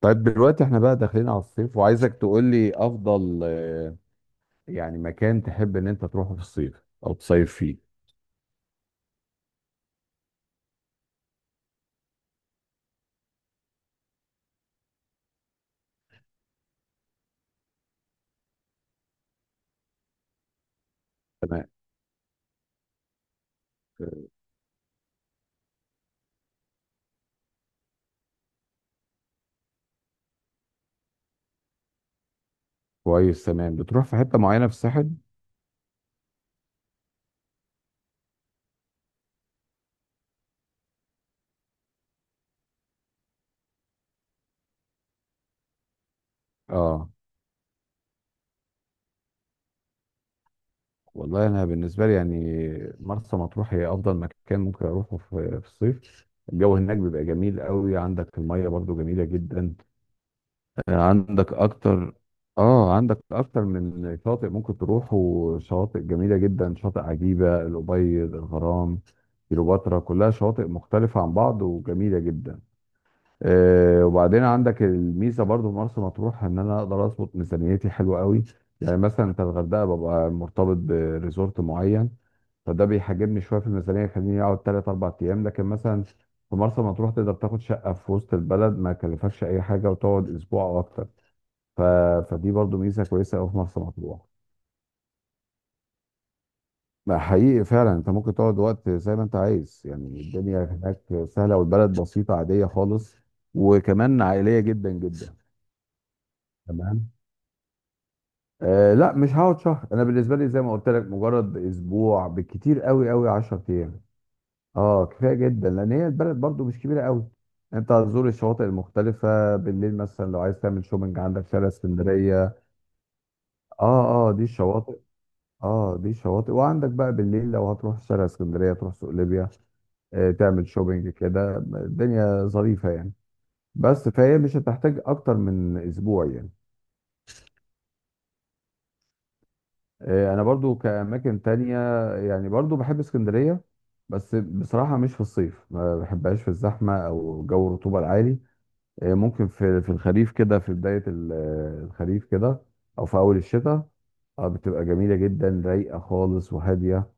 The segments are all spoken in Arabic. طيب دلوقتي احنا بقى داخلين على الصيف وعايزك تقول لي افضل يعني مكان تحب ان انت تروحه في الصيف او تصيف فيه. تمام. كويس، تمام. بتروح في حتة معينة في الساحل؟ اه، والله انا بالنسبة لي يعني مرسى مطروح هي افضل مكان ممكن اروحه في الصيف. الجو هناك بيبقى جميل قوي، عندك المية برضو جميلة جدا. عندك اكتر اه عندك اكتر من شاطئ ممكن تروحوا شواطئ جميله جدا، شاطئ عجيبه، الابيض، الغرام، كيلوباترا، كلها شواطئ مختلفه عن بعض وجميله جدا. وبعدين عندك الميزه برضو في مرسى مطروح ان انا اقدر اظبط ميزانيتي حلوه قوي. يعني مثلا انت الغردقه ببقى مرتبط بريزورت معين، فده بيحجمني شويه في الميزانيه، يخليني اقعد 3 4 ايام. لكن مثلا في مرسى مطروح تقدر تاخد شقه في وسط البلد، ما يكلفكش اي حاجه وتقعد اسبوع او اكتر. ف... فدي برضو ميزه كويسه قوي في مرسى مطروح. لا، حقيقي فعلا انت ممكن تقعد وقت زي ما انت عايز، يعني الدنيا هناك سهله والبلد بسيطه عاديه خالص، وكمان عائليه جدا جدا. تمام. لا، مش هقعد شهر. انا بالنسبه لي زي ما قلت لك مجرد اسبوع، بالكتير قوي قوي 10 ايام. اه، كفايه جدا، لان هي البلد برضو مش كبيره قوي. انت هتزور الشواطئ المختلفه، بالليل مثلا لو عايز تعمل شوبنج عندك شارع اسكندريه. اه، اه، دي الشواطئ. اه، دي شواطئ. وعندك بقى بالليل لو هتروح شارع اسكندريه تروح سوق ليبيا. تعمل شوبينج كده الدنيا ظريفه يعني. بس فهي مش هتحتاج اكتر من اسبوع يعني. انا برضو كاماكن تانية، يعني برضو بحب اسكندرية. بس بصراحة مش في الصيف، ما بحبهاش في الزحمة او جو الرطوبة العالي. ممكن في الخريف كده، في بداية الخريف كده، أو في أول الشتاء. بتبقى جميلة جدا، رايقة خالص وهادية.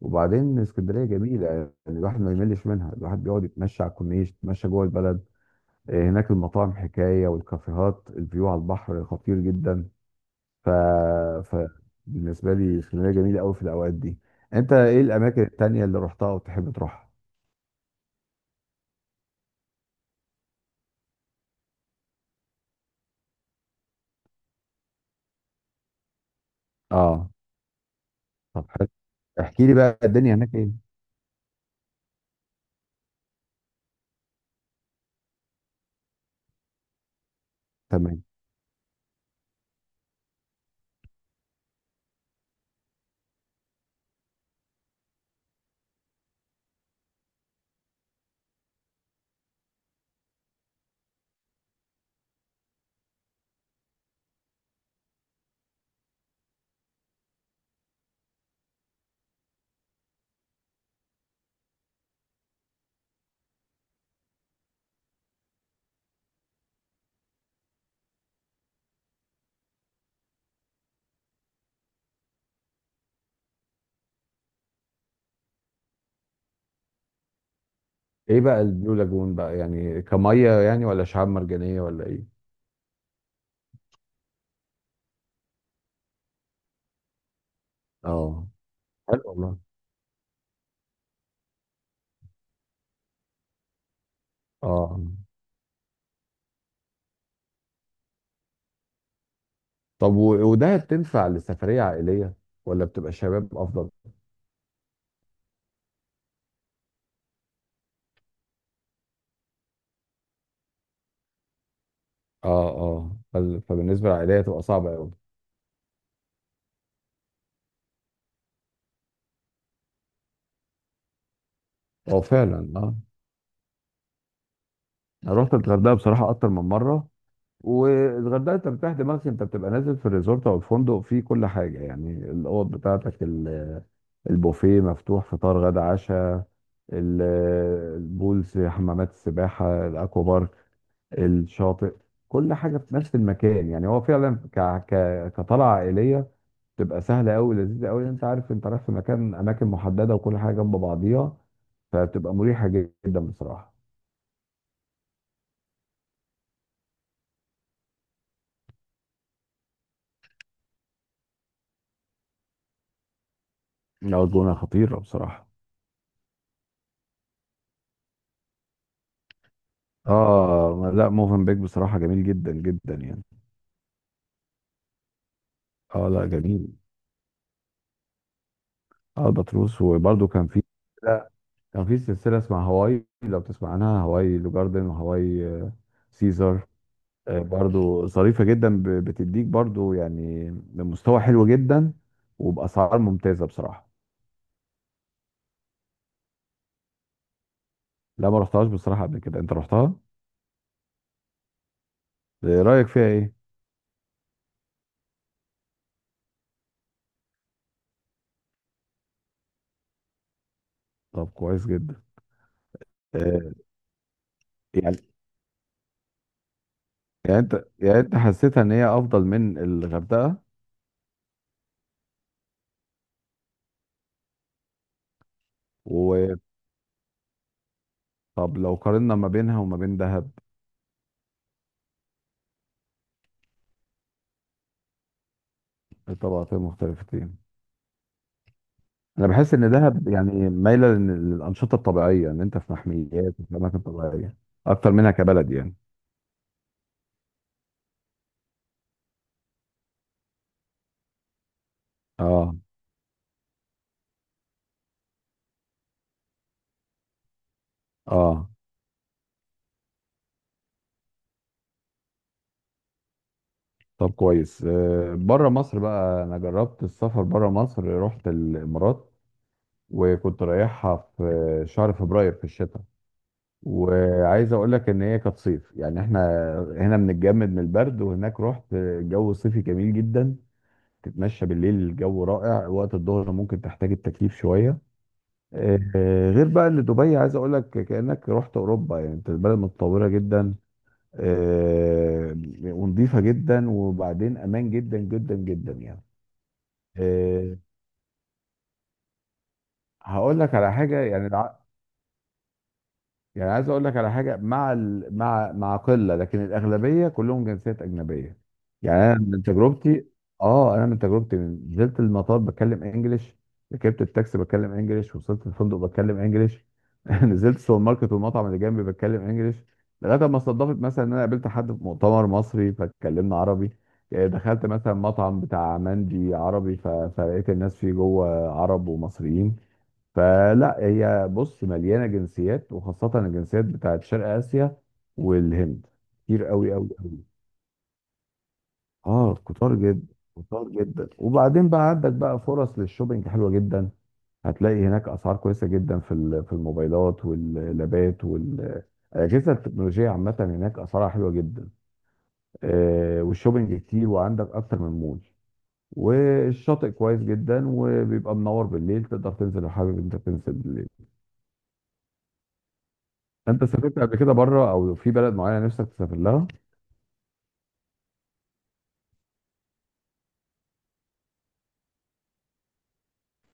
وبعدين اسكندرية جميلة يعني. الواحد ما يملش منها. الواحد بيقعد يتمشى على الكورنيش، يتمشى جوه البلد. هناك المطاعم حكاية، والكافيهات الفيو على البحر خطير جدا. ف... ف بالنسبة لي اسكندرية جميلة أوي في الأوقات دي. أنت إيه الأماكن التانية اللي رحتها وتحب تروحها؟ آه، طب حلو. احكي لي بقى الدنيا هناك إيه؟ تمام. ايه بقى البلو لاجون بقى؟ يعني كميه يعني، ولا شعاب مرجانيه ولا ايه؟ اه، حلو والله. اه، طب وده بتنفع لسفريه عائليه، ولا بتبقى شباب افضل؟ اه، اه، فبالنسبه للعائليه تبقى صعبه قوي. هو فعلا، اه. انا رحت الغردقه بصراحه اكتر من مره. والغردقه انت بتريح دماغك، انت بتبقى نازل في الريزورت او الفندق فيه كل حاجه، يعني الاوض بتاعتك، البوفيه مفتوح فطار غدا عشاء، ال- البولز، حمامات السباحه، الاكوا بارك، الشاطئ. كل حاجه في نفس المكان، يعني هو فعلا كطلعه عائليه تبقى سهله قوي، لذيذه قوي. انت عارف انت رايح في مكان، اماكن محدده، وكل حاجه جنب بعضيها، فبتبقى مريحه جدا بصراحه. لا، الجونه خطيره بصراجه. اه، لا، موفنبيك بصراحه جميل جدا جدا يعني. اه، لا، جميل. اه، البطروس وبرده كان في. لا، كان في سلسله اسمها هواي لو، تسمع عنها، هواي لو جاردن وهواي سيزر. برضو ظريفة جدا، بتديك برضو يعني بمستوى حلو جدا وبأسعار ممتازة بصراحة. لا، ما رحتهاش بصراحة قبل كده. انت رحتها؟ رأيك فيها ايه؟ طب كويس جدا. آه، يعني يعني انت حسيتها ان هي افضل من الغردقة؟ وطب لو قارنا ما بينها وما بين دهب؟ طبقتين مختلفتين. انا بحس ان دهب يعني مايلة للأنشطة الطبيعية، ان انت في محميات وفي اماكن طبيعية اكتر منها كبلد يعني. اه، اه، طب كويس. بره مصر بقى، انا جربت السفر بره مصر، رحت الامارات وكنت رايحها في شهر فبراير في الشتاء. وعايز اقول لك ان هي كانت صيف، يعني احنا هنا بنتجمد من البرد، وهناك رحت الجو صيفي جميل جدا. تتمشى بالليل الجو رائع، وقت الظهر ممكن تحتاج التكييف شويه. آه، غير بقى ان دبي عايز اقول لك كانك رحت اوروبا، يعني انت البلد متطوره جدا. آه، ونظيفه جدا، وبعدين امان جدا جدا جدا يعني. إيه، هقول لك على حاجه، يعني يعني عايز اقول لك على حاجه مع مع قله، لكن الاغلبيه كلهم جنسيات اجنبيه. يعني انا من تجربتي اه انا من تجربتي، نزلت المطار بتكلم انجليش، ركبت التاكسي بتكلم انجليش، وصلت الفندق بتكلم انجليش. نزلت السوبر ماركت والمطعم اللي جنبي بتكلم انجليش، لغايه ما صدفت مثلا ان انا قابلت حد في مؤتمر مصري فاتكلمنا عربي. دخلت مثلا مطعم بتاع مندي عربي، فلقيت الناس فيه جوه عرب ومصريين. فلا، هي بص مليانه جنسيات، وخاصه الجنسيات بتاعت شرق اسيا والهند، كتير قوي قوي قوي. اه، كتار جدا. كتار جدا. وبعدين بقى عندك بقى فرص للشوبينج حلوه جدا. هتلاقي هناك اسعار كويسه جدا في الموبايلات واللابات وال الاجهزه التكنولوجيه عامه، هناك اسعارها حلوه جدا. والشوبينج كتير، وعندك اكتر من مول. والشاطئ كويس جدا وبيبقى منور بالليل، تقدر تنزل لو حابب انت تنزل. انت سافرت قبل كده بره، او في بلد معينه نفسك تسافر لها؟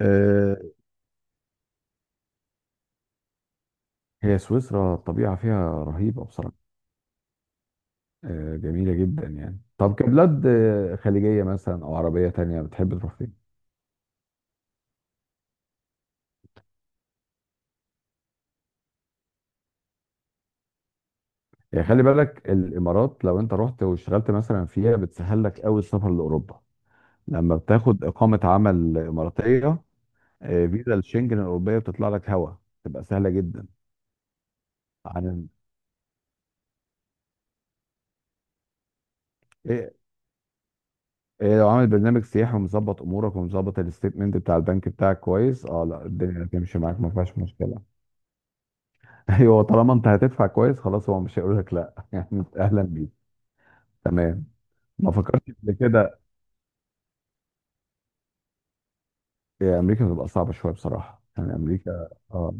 آه، هي سويسرا الطبيعه فيها رهيبه بصراحه. جميله جدا يعني. طب كبلاد خليجيه مثلا او عربيه تانية بتحب تروح فين؟ يعني خلي بالك، الامارات لو انت رحت واشتغلت مثلا فيها بتسهل لك قوي السفر لاوروبا، لما بتاخد اقامه عمل اماراتيه. فيزا الشنجن الاوروبيه بتطلع لك هوا، تبقى سهله جدا. عن إيه- إيه لو عامل برنامج سياحي ومظبط امورك ومظبط الستيتمنت بتاع البنك بتاعك كويس، اه، لا، الدنيا هتمشي معاك ما فيهاش مشكله. ايوه، طالما انت هتدفع كويس خلاص، هو مش هيقول لك لا. يعني انت اهلا بيك. تمام. ما فكرتش قبل كده. امريكا بتبقى صعبه شويه بصراحه، يعني امريكا. اه،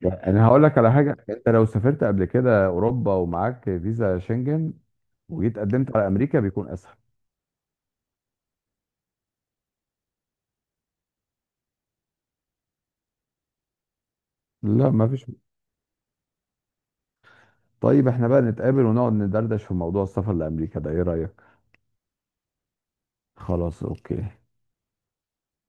يعني انا هقول لك على حاجه، انت لو سافرت قبل كده اوروبا ومعاك فيزا شنجن وجيت قدمت على امريكا بيكون اسهل. لا، ما فيش. طيب، احنا بقى نتقابل ونقعد ندردش في موضوع السفر لامريكا ده، ايه رايك؟ خلاص، اوكي.